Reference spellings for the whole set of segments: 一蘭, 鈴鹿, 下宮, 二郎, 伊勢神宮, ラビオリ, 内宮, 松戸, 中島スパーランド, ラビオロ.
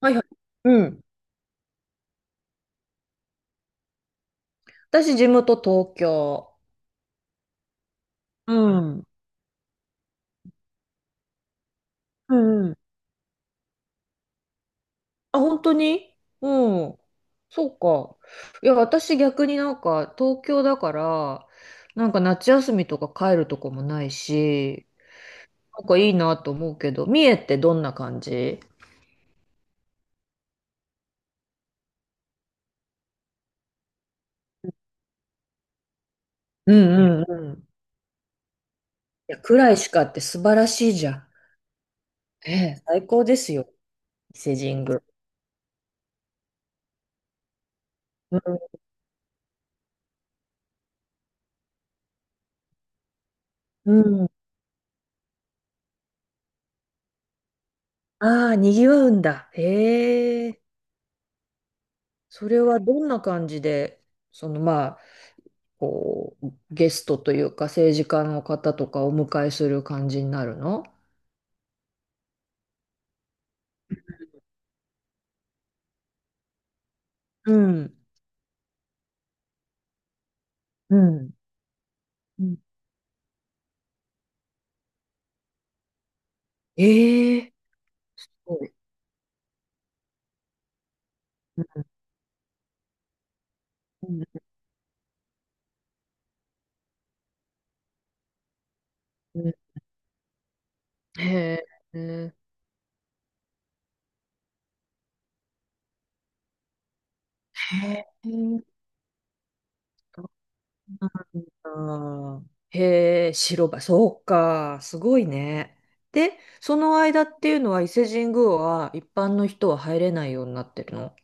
はいはい。うん。私、地元東京。うん。うんうん。あ、本当に？うん。そうか。いや、私逆になんか東京だから、なんか夏休みとか帰るとこもないし、なんかいいなと思うけど、三重ってどんな感じ？うんうんうん。いや、暗いしかって素晴らしいじゃん。ええ、最高ですよ。伊勢神宮。うん。うん。ああ、にぎわうんだ。へえ。それはどんな感じで、まあ、ゲストというか政治家の方とかお迎えする感じになるの？うん。うん。うん、ええ、すごい。うん。うんうん。へえ、へえ。あー、へえ、白馬、そうか、すごいね。で、その間っていうのは伊勢神宮は一般の人は入れないようになってるの？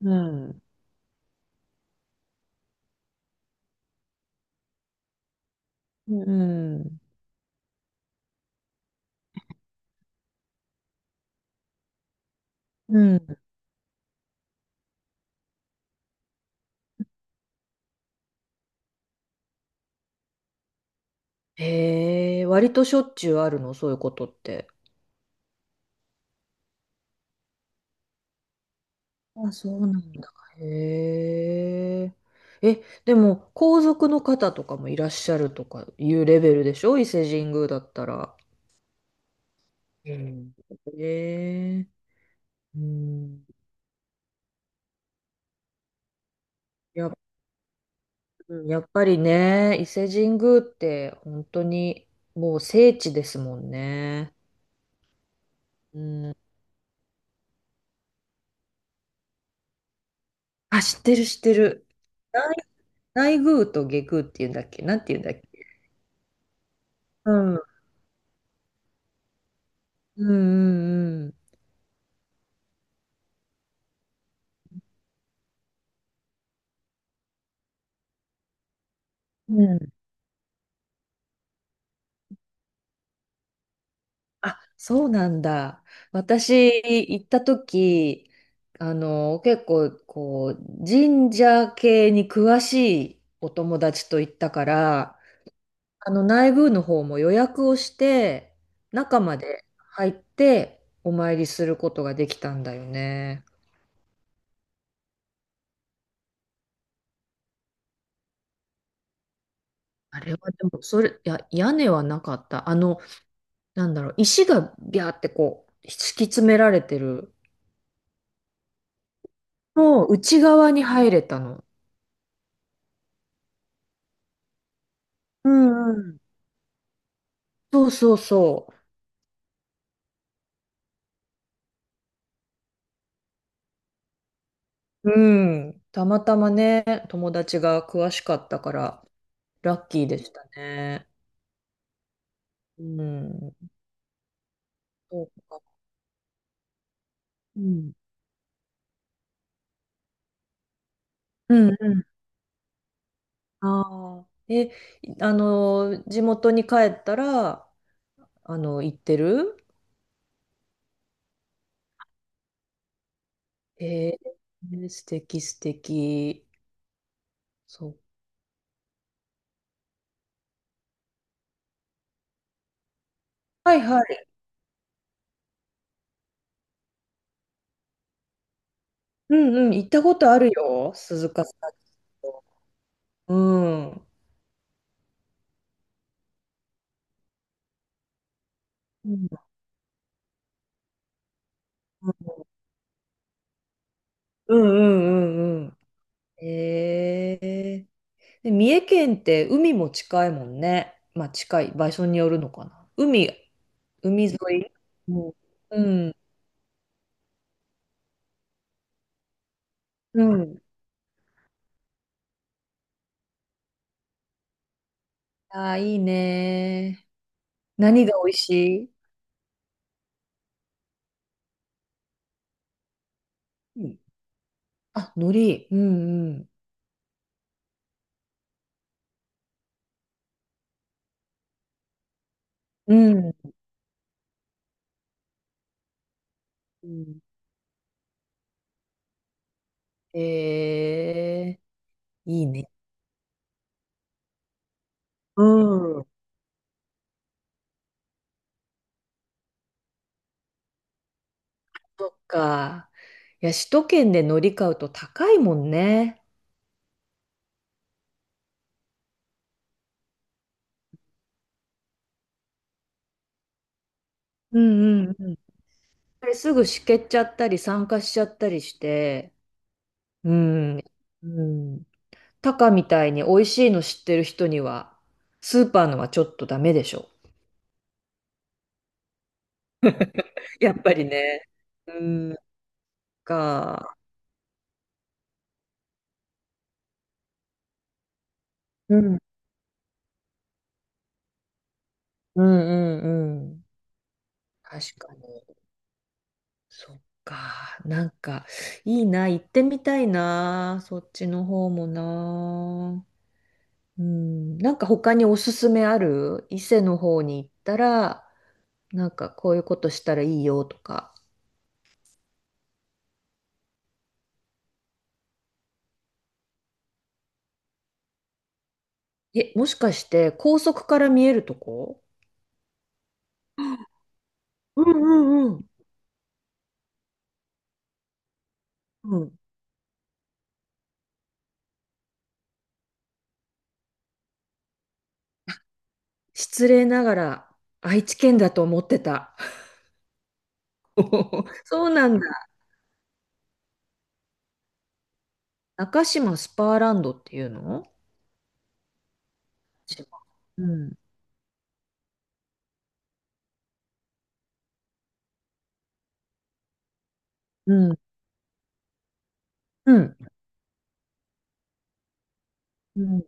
うん。うん。うん。へえ、割としょっちゅうあるの、そういうことって。あ、そうなんだ。へえ。え、でも、皇族の方とかもいらっしゃるとかいうレベルでしょ伊勢神宮だったら。うん。へえ。うん。やっ、うん、やっぱりね、伊勢神宮って本当にもう聖地ですもんね。うん。あ、知ってる知ってる。内、内宮と下宮っていうんだっけ、なんていうんだっけ？うん。うんうんうん。うん。あ、そうなんだ。私、行った時、結構、こう、神社系に詳しいお友達と行ったから、内部の方も予約をして、中まで入って、お参りすることができたんだよね。あれはでも、それ、いや、屋根はなかった。なんだろう、石がビャーってこう、敷き詰められてるの内側に入れたの。うんうん、そうそうそう。うん。たまたまね、友達が詳しかったから、ラッキーでしたね。うん。そうか。うん。うんうん。ああ。え、地元に帰ったら、行ってる？えー、素敵素敵。そう。はいはい。うんうん。行ったことあるよ。鈴鹿さんと。うん。うんうんうんうんうん。ええ、で、三重県って海も近いもんね。まあ近い場所によるのかな。海、海沿い。うん。うん。うん。ああ、いいね。何が美味しい？うん、あ、海苔。うんうん。うん。うん、えー、いいね。うん。そっか。いや、首都圏で海苔買うと高いもんね。うんうんうん。あれすぐしけっちゃったり、酸化しちゃったりして。うん。うん。タカみたいに美味しいの知ってる人には、スーパーのはちょっとダメでしょ。やっぱりね。うん、か。うん。うんうんうん。確かに。そっか。なんか、いいな。行ってみたいな。そっちの方もな。うん。なんか他におすすめある？伊勢の方に行ったら、なんかこういうことしたらいいよとか。え、もしかして高速から見えるとこ？うんうんうん。失礼ながら愛知県だと思ってた。そうなんだ。中島スパーランドっていうの？島。うん。うん。うん。うん、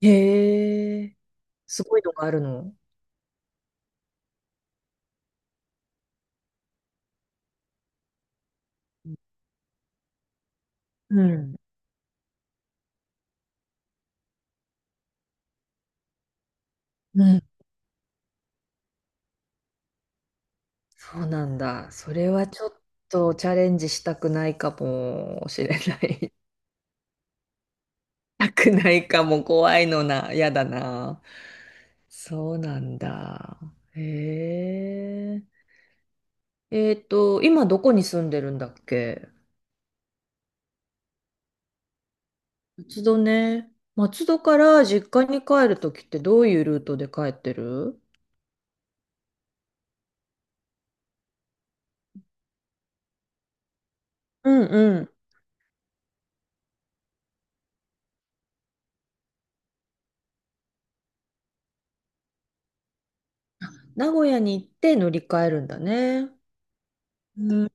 へえ、すごいのがあるの。うん。うん。そうなんだ。それはちょっとチャレンジしたくないかもしれない。したくないかも、怖いのな。やだな。そうなんだ。へえ。今どこに住んでるんだっけ？松戸ね。松戸から実家に帰るときってどういうルートで帰ってる？うんうん。名古屋に行って乗り換えるんだね。うん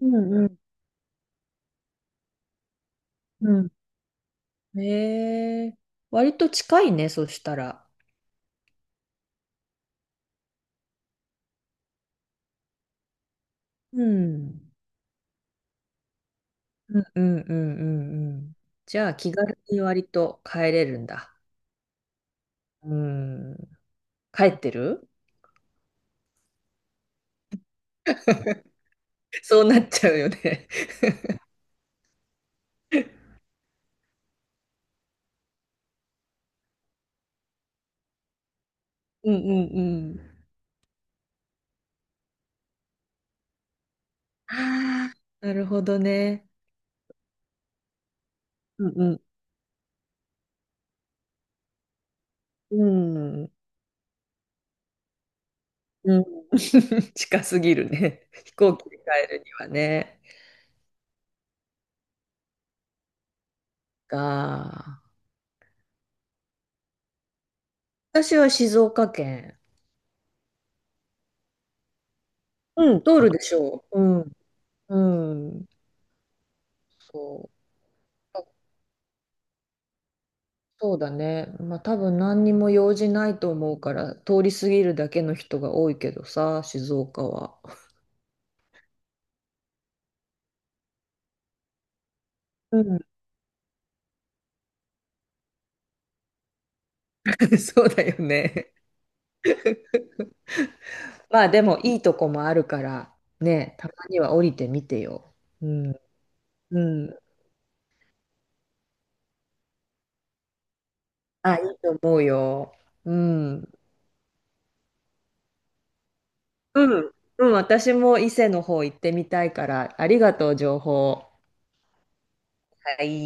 うんうんうん。へえ。割と近いね、そしたら。うん。うんうんうんうんうん、じゃあ気軽に割と帰れるんだ。うん。帰ってる？ そうなっちゃうよね。うんうんうん、ああ、なるほどね。うんうんうん。うん。近すぎるね。飛行機で帰るにはね。が、私は静岡県。うん、通るでしょう。うん。うん。そう。あ、そうだね。まあ多分何にも用事ないと思うから、通り過ぎるだけの人が多いけどさ、静岡は。うん。そうだよね。まあでもいいとこもあるから、ね、たまには降りてみてよ。うん。うん。あ、いいと思うよ。うん。うん、うん、私も伊勢の方行ってみたいから、ありがとう、情報。はい。